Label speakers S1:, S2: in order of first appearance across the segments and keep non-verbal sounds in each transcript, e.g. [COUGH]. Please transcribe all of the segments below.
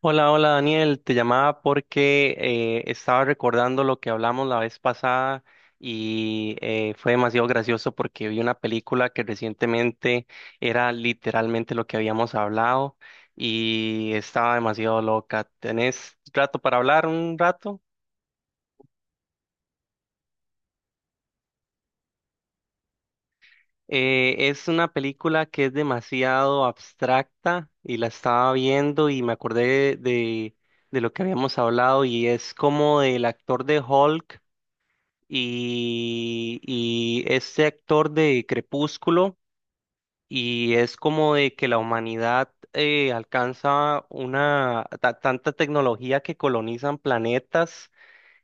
S1: Hola, hola Daniel, te llamaba porque estaba recordando lo que hablamos la vez pasada y fue demasiado gracioso porque vi una película que recientemente era literalmente lo que habíamos hablado y estaba demasiado loca. ¿Tenés rato para hablar? ¿Un rato? Es una película que es demasiado abstracta y la estaba viendo y me acordé de lo que habíamos hablado y es como del actor de Hulk. Y este actor de Crepúsculo y es como de que la humanidad alcanza tanta tecnología que colonizan planetas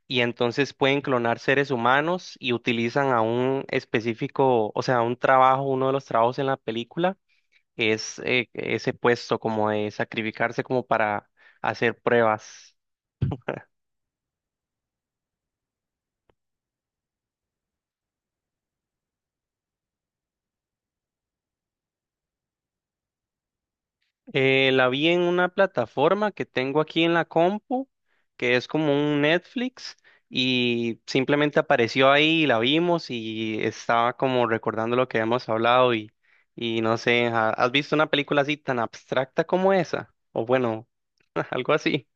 S1: y entonces pueden clonar seres humanos y utilizan a un específico, o sea, un trabajo, uno de los trabajos en la película es ese puesto como de sacrificarse como para hacer pruebas. La vi en una plataforma que tengo aquí en la compu, que es como un Netflix, y simplemente apareció ahí y la vimos y estaba como recordando lo que habíamos hablado y no sé, ¿has visto una película así tan abstracta como esa? O bueno, [LAUGHS] algo así.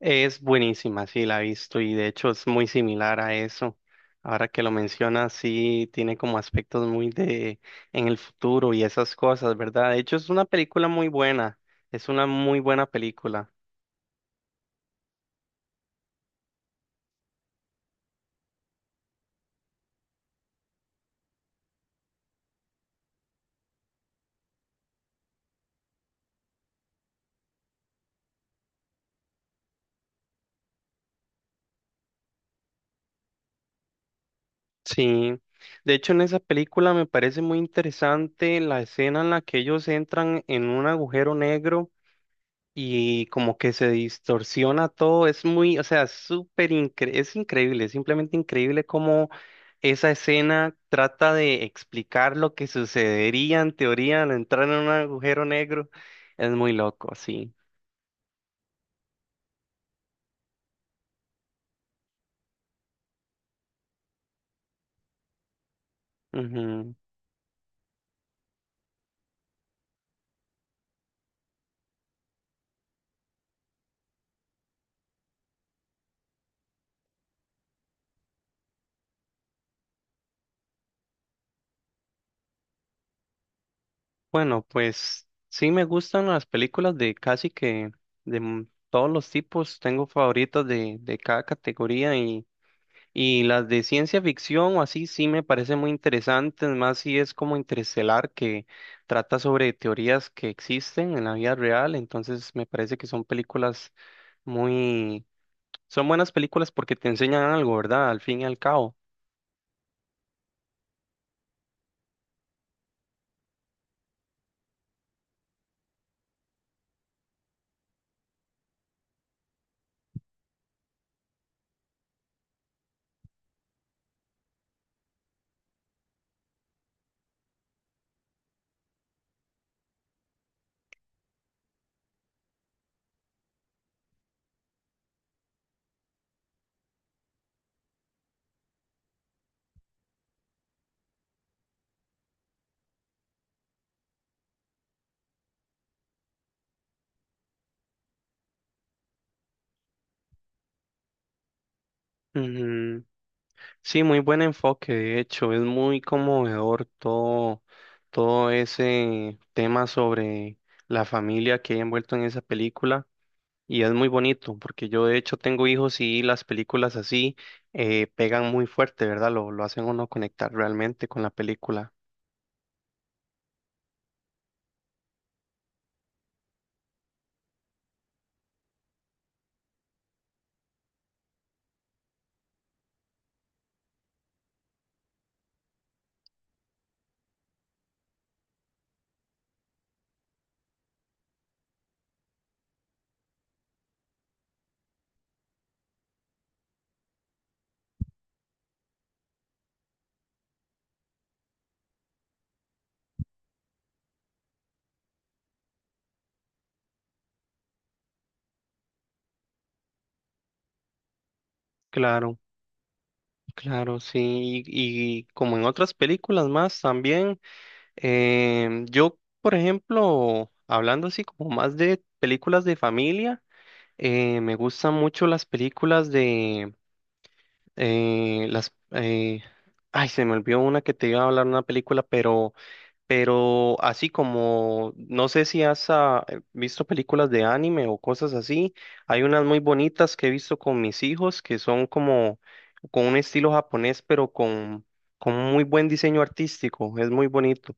S1: Es buenísima, sí, la he visto y de hecho es muy similar a eso. Ahora que lo mencionas, sí, tiene como aspectos muy de en el futuro y esas cosas, ¿verdad? De hecho es una película muy buena, es una muy buena película. Sí, de hecho en esa película me parece muy interesante la escena en la que ellos entran en un agujero negro, y como que se distorsiona todo, es muy, o sea, es increíble, es simplemente increíble cómo esa escena trata de explicar lo que sucedería en teoría al entrar en un agujero negro. Es muy loco, sí. Ujú. Bueno, pues sí me gustan las películas de casi que todos los tipos, tengo favoritas de cada categoría. Y las de ciencia ficción o así sí me parecen muy interesantes, más si es como Interestelar, que trata sobre teorías que existen en la vida real, entonces me parece que son películas muy... Son buenas películas porque te enseñan algo, ¿verdad? Al fin y al cabo. Ujú. Sí, muy buen enfoque, de hecho, es muy conmovedor todo, todo ese tema sobre la familia que hay envuelto en esa película. Y es muy bonito, porque yo de hecho tengo hijos y las películas así pegan muy fuerte, ¿verdad? Lo hacen uno conectar realmente con la película. Claro, claro, sí. Y como en otras películas más también, em, yo, por ejemplo, hablando así como más de películas de familia, me gustan mucho las películas de eh, las... eh, ay, se me olvidó una que te iba a hablar, una película, pero... Pero así como, no sé si has visto películas de anime o cosas así, hay unas muy bonitas que he visto con mis hijos que son como con un estilo japonés, pero con muy buen diseño artístico, es muy bonito.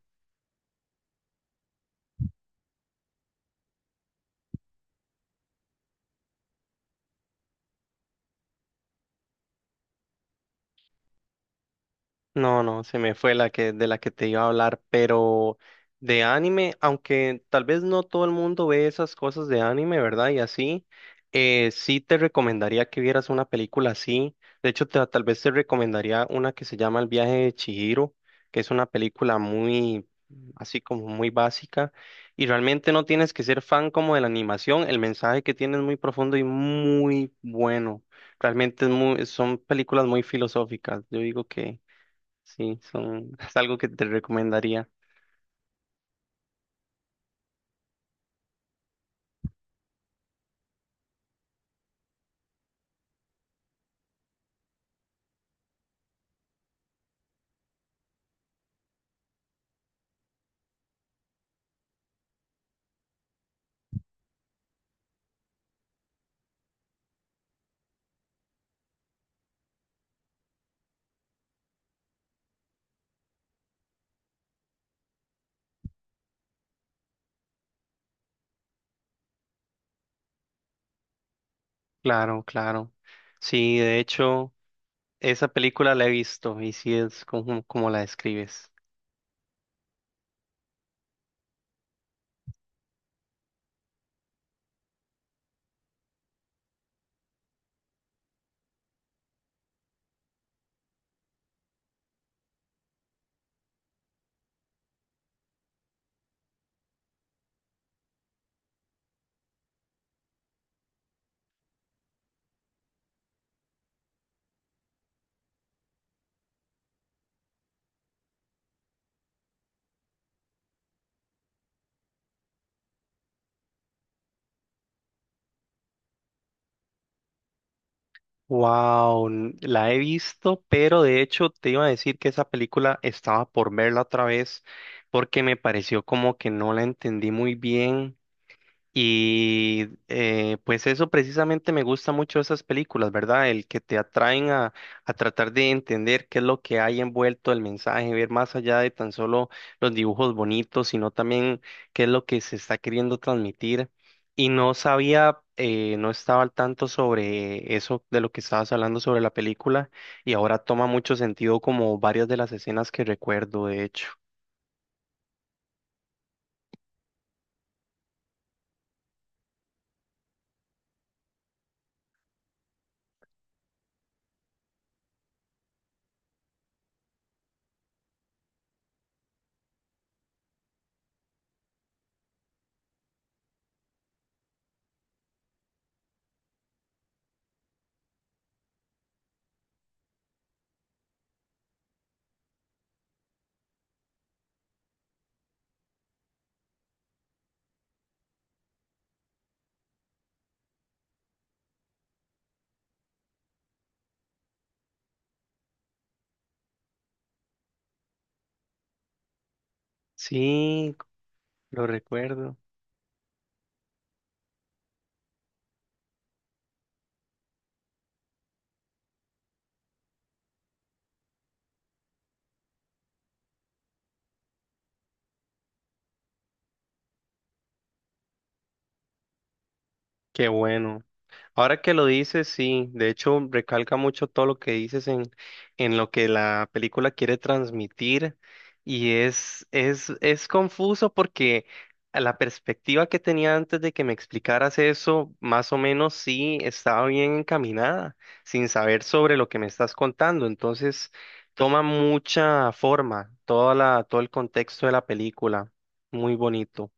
S1: No, no, se me fue la que de la que te iba a hablar, pero de anime, aunque tal vez no todo el mundo ve esas cosas de anime, ¿verdad? Y así, sí te recomendaría que vieras una película así. De hecho, tal vez te recomendaría una que se llama El viaje de Chihiro, que es una película muy, así como muy básica. Y realmente no tienes que ser fan como de la animación, el mensaje que tiene es muy profundo y muy bueno. Realmente es muy, son películas muy filosóficas. Yo digo que sí, son, es algo que te recomendaría. Claro, claro. Sí, de hecho, esa película la he visto y sí es como, como la describes. Wow, la he visto, pero de hecho te iba a decir que esa película estaba por verla otra vez porque me pareció como que no la entendí muy bien. Y pues eso precisamente me gusta mucho de esas películas, ¿verdad? El que te atraen a tratar de entender qué es lo que hay envuelto el mensaje, ver más allá de tan solo los dibujos bonitos, sino también qué es lo que se está queriendo transmitir. Y no sabía, no estaba al tanto sobre eso de lo que estabas hablando sobre la película, y ahora toma mucho sentido como varias de las escenas que recuerdo, de hecho. Sí, lo recuerdo. Qué bueno. Ahora que lo dices, sí, de hecho recalca mucho todo lo que dices en lo que la película quiere transmitir y es confuso porque a la perspectiva que tenía antes de que me explicaras eso, más o menos sí estaba bien encaminada, sin saber sobre lo que me estás contando, entonces toma mucha forma toda la, todo el contexto de la película, muy bonito.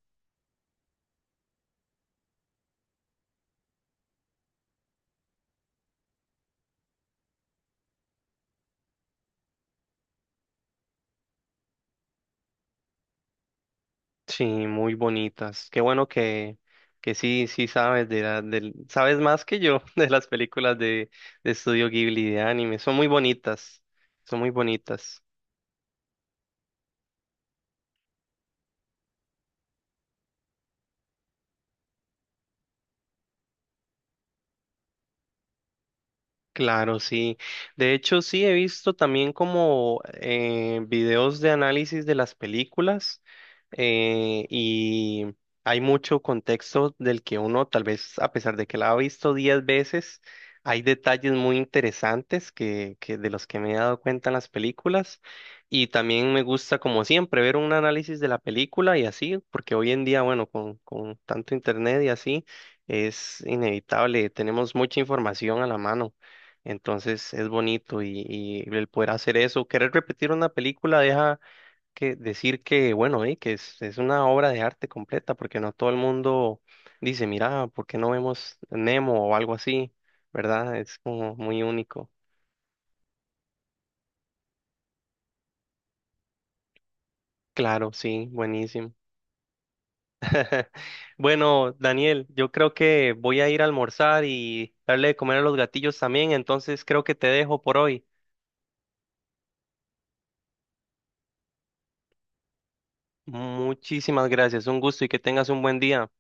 S1: Sí, muy bonitas. Qué bueno que sí, sí sabes de la, del, sabes más que yo [LAUGHS] de las películas de Estudio Ghibli de anime. Son muy bonitas, son muy bonitas. Claro, sí. De hecho, sí he visto también como videos de análisis de las películas eh, y hay mucho contexto del que uno, tal vez a pesar de que la ha visto 10 veces, hay detalles muy interesantes que de los que me he dado cuenta en las películas y también me gusta, como siempre, ver un análisis de la película y así, porque hoy en día, bueno, con tanto internet y así, es inevitable, tenemos mucha información a la mano. Entonces es bonito y el poder hacer eso, querer repetir una película deja que decir que, bueno, que es una obra de arte completa, porque no todo el mundo dice, mira, ¿por qué no vemos Nemo o algo así? ¿Verdad? Es como muy único. Claro, sí, buenísimo. [LAUGHS] Bueno, Daniel, yo creo que voy a ir a almorzar y darle de comer a los gatillos también, entonces creo que te dejo por hoy. Muchísimas gracias, un gusto y que tengas un buen día.